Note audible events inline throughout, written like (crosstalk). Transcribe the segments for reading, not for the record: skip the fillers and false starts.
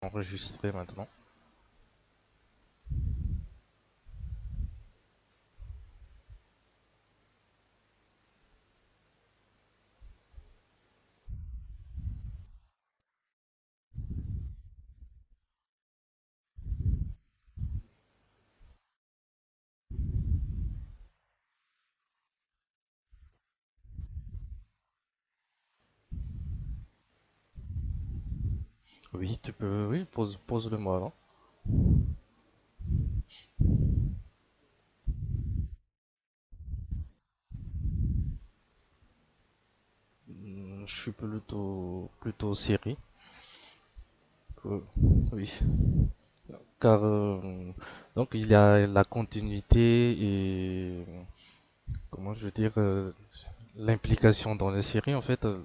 Enregistré maintenant. Oui, tu peux, oui, pose-le moi avant. Je suis plutôt série. Euh, oui, car donc il y a la continuité et comment je veux dire, l'implication dans les séries en fait.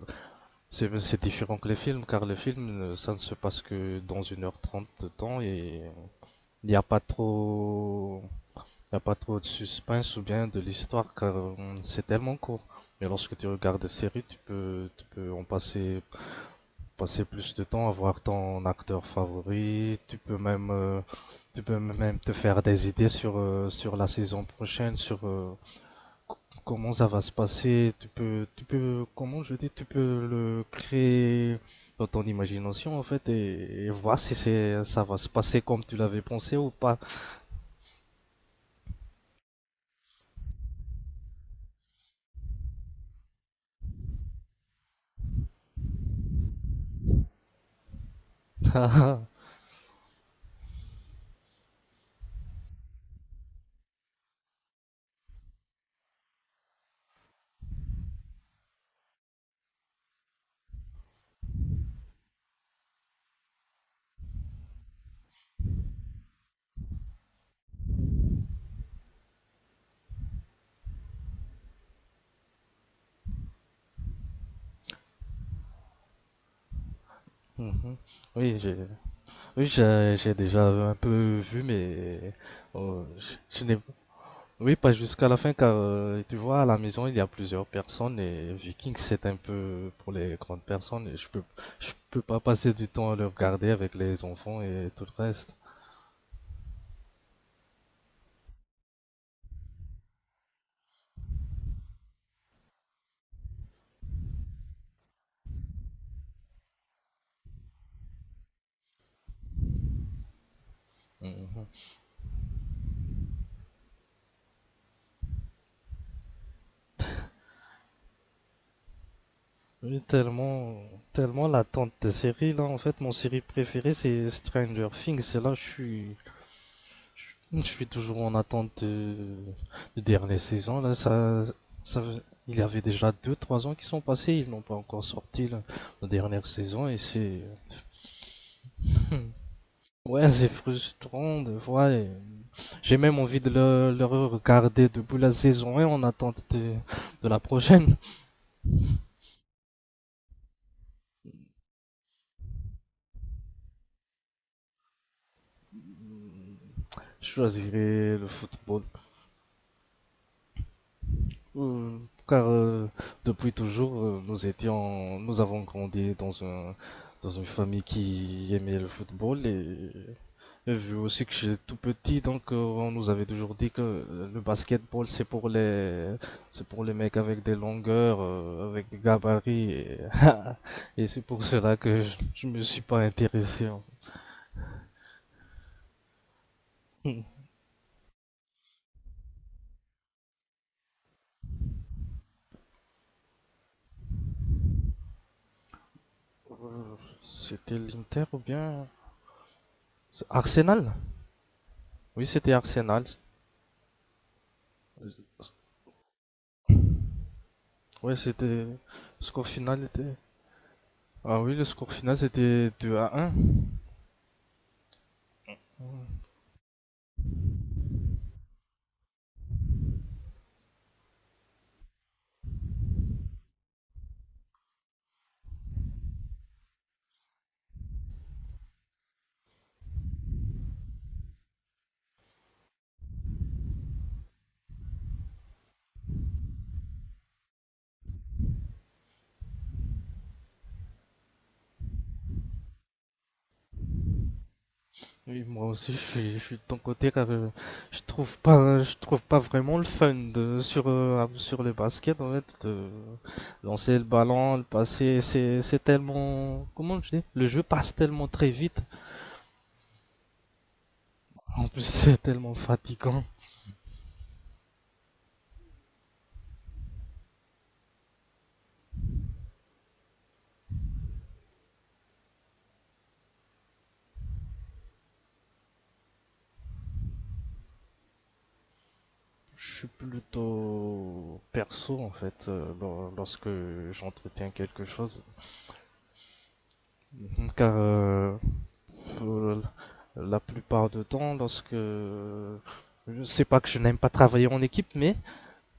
C'est différent que les films car les films, ça ne se passe que dans une heure trente de temps et il n'y a pas trop Il n'y a pas trop de suspense ou bien de l'histoire car c'est tellement court. Mais lorsque tu regardes des séries, tu peux en passer, passer plus de temps à voir ton acteur favori. Tu peux même te faire des idées sur, sur la saison prochaine, sur co- comment ça va se passer. Comment je dis, tu peux le créer dans ton imagination en fait et voir si ça va se passer comme tu l'avais pensé ou pas. Mhm. Oui, j'ai- Oui, j'ai déjà un peu vu, mais je n'ai, oui, pas jusqu'à la fin car tu vois, à la maison il y a plusieurs personnes et Vikings c'est un peu pour les grandes personnes et je peux pas passer du temps à le regarder avec les enfants et tout le reste. Mhm. Oui, tellement l'attente des séries là en fait. Mon série préférée c'est Stranger Things et là je suis toujours en attente de dernière saison. Là, ça, il y avait déjà deux trois ans qui sont passés, ils n'ont pas encore sorti là, la dernière saison et c'est. (laughs) Ouais, c'est frustrant de voir. Et j'ai même envie de le regarder depuis la saison 1 en attente de la prochaine. Je choisirais le football. Euh, Car depuis toujours, nous avons grandi dans dans une famille qui aimait le football et vu aussi que j'étais tout petit, donc on nous avait toujours dit que le basketball c'est pour les mecs avec des longueurs, avec des gabarits et, (laughs) et c'est pour cela que je me suis pas intéressé en fait. (laughs) Euh, C'était l'Inter ou bien c'est Arsenal? Oui, c'était Arsenal. Ouais, c'était. Score final était. Ah oui, le score final c'était 2 à un. Ouais. Oui, moi aussi, je suis de ton côté. Car, je trouve pas, je trouve pas vraiment le fun de, sur le basket en fait. De lancer le ballon, le passer, c'est tellement. Comment je dis, le jeu passe tellement très vite. En plus, (laughs) c'est tellement fatigant. Je suis plutôt perso en fait, lorsque j'entretiens quelque chose. Car, euh, la plupart du temps lorsque, je sais pas, que je n'aime pas travailler en équipe, mais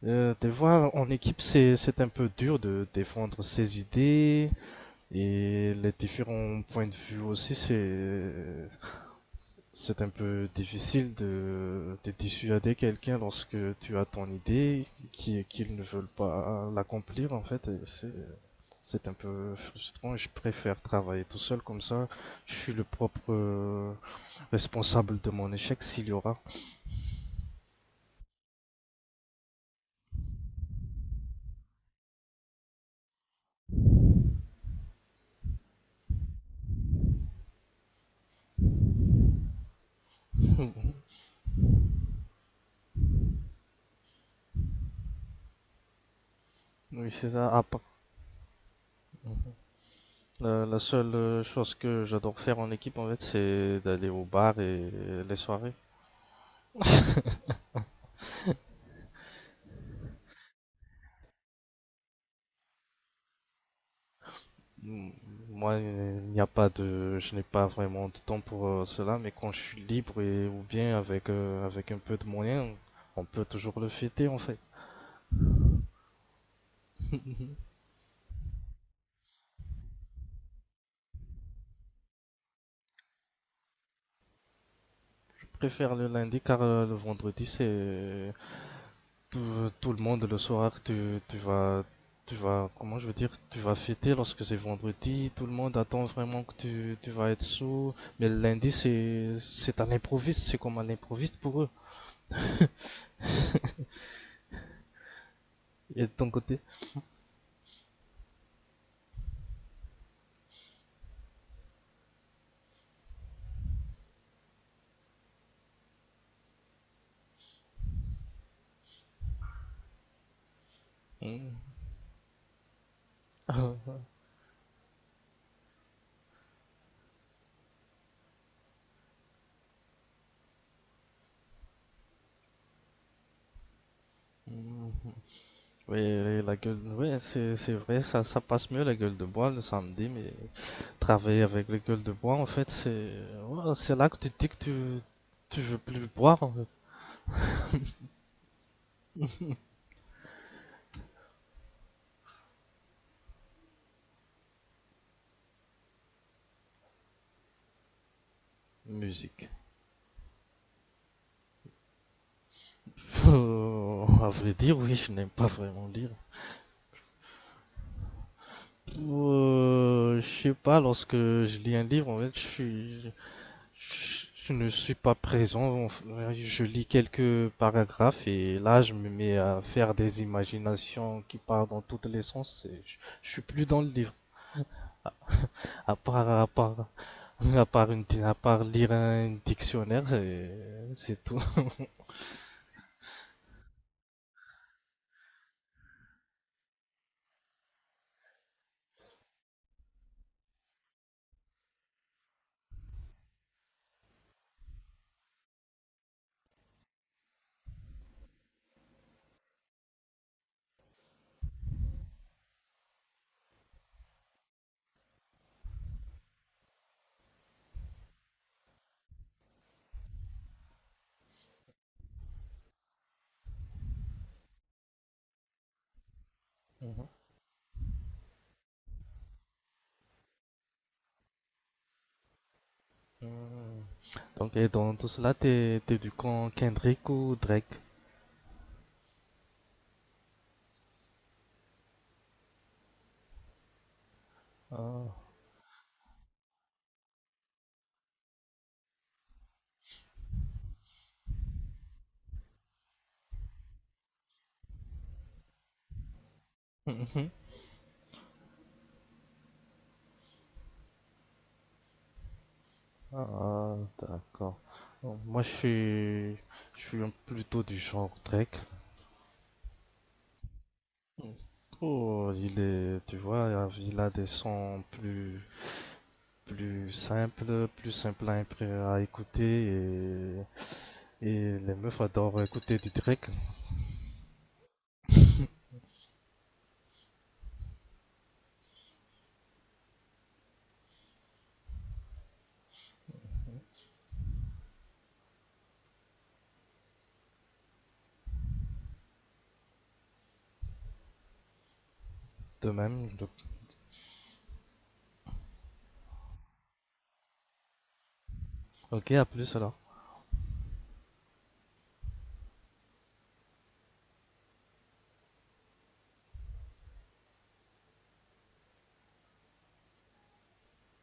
des fois en équipe c'est un peu dur de défendre ses idées et les différents points de vue aussi c'est un peu difficile de dissuader quelqu'un lorsque tu as ton idée qui qu'ils ne veulent pas l'accomplir en fait. C'est un peu frustrant et je préfère travailler tout seul, comme ça je suis le propre responsable de mon échec s'il y aura. Oui, c'est ça. À La, la seule, chose que j'adore faire en équipe, en fait, c'est d'aller au bar et les soirées. Moi, il n'y a pas de, je n'ai pas vraiment de temps pour cela, mais quand je suis libre et ou bien avec, avec un peu de moyens, on peut toujours le fêter en fait. (laughs) Je préfère le lundi car le vendredi c'est tout le monde le soir, tu vas, comment je veux dire, tu vas fêter lorsque c'est vendredi, tout le monde attend vraiment que tu vas être sous, mais le lundi c'est un improviste, c'est comme un improviste pour eux. Et de ton côté. Mm. (laughs) Oui, la gueule, oui, c'est vrai, ça passe mieux la gueule de bois le samedi, mais travailler avec la gueule de bois, en fait, c'est, ouais, c'est là que tu te dis que tu veux plus boire, en fait. Musique. À vrai dire, oui, je n'aime pas vraiment lire. Je sais pas, lorsque je lis un livre, en fait, je ne suis pas présent. Enfin, je lis quelques paragraphes et là, je me mets à faire des imaginations qui partent dans tous les sens, et je suis plus dans le livre. À part, à part, (laughs) à part lire un dictionnaire, et c'est tout. (laughs) Mhm. Euh, Donc, et dans tout cela, t'es du camp Kendrick ou Drake? Ah. Mhm. Ah, d'accord. Bon, je suis plutôt du genre Drake. Mm. Oh, il est, tu vois, il a des sons plus simples à écouter, et les meufs adorent écouter du Drake. De même. Donc, ok, à plus alors.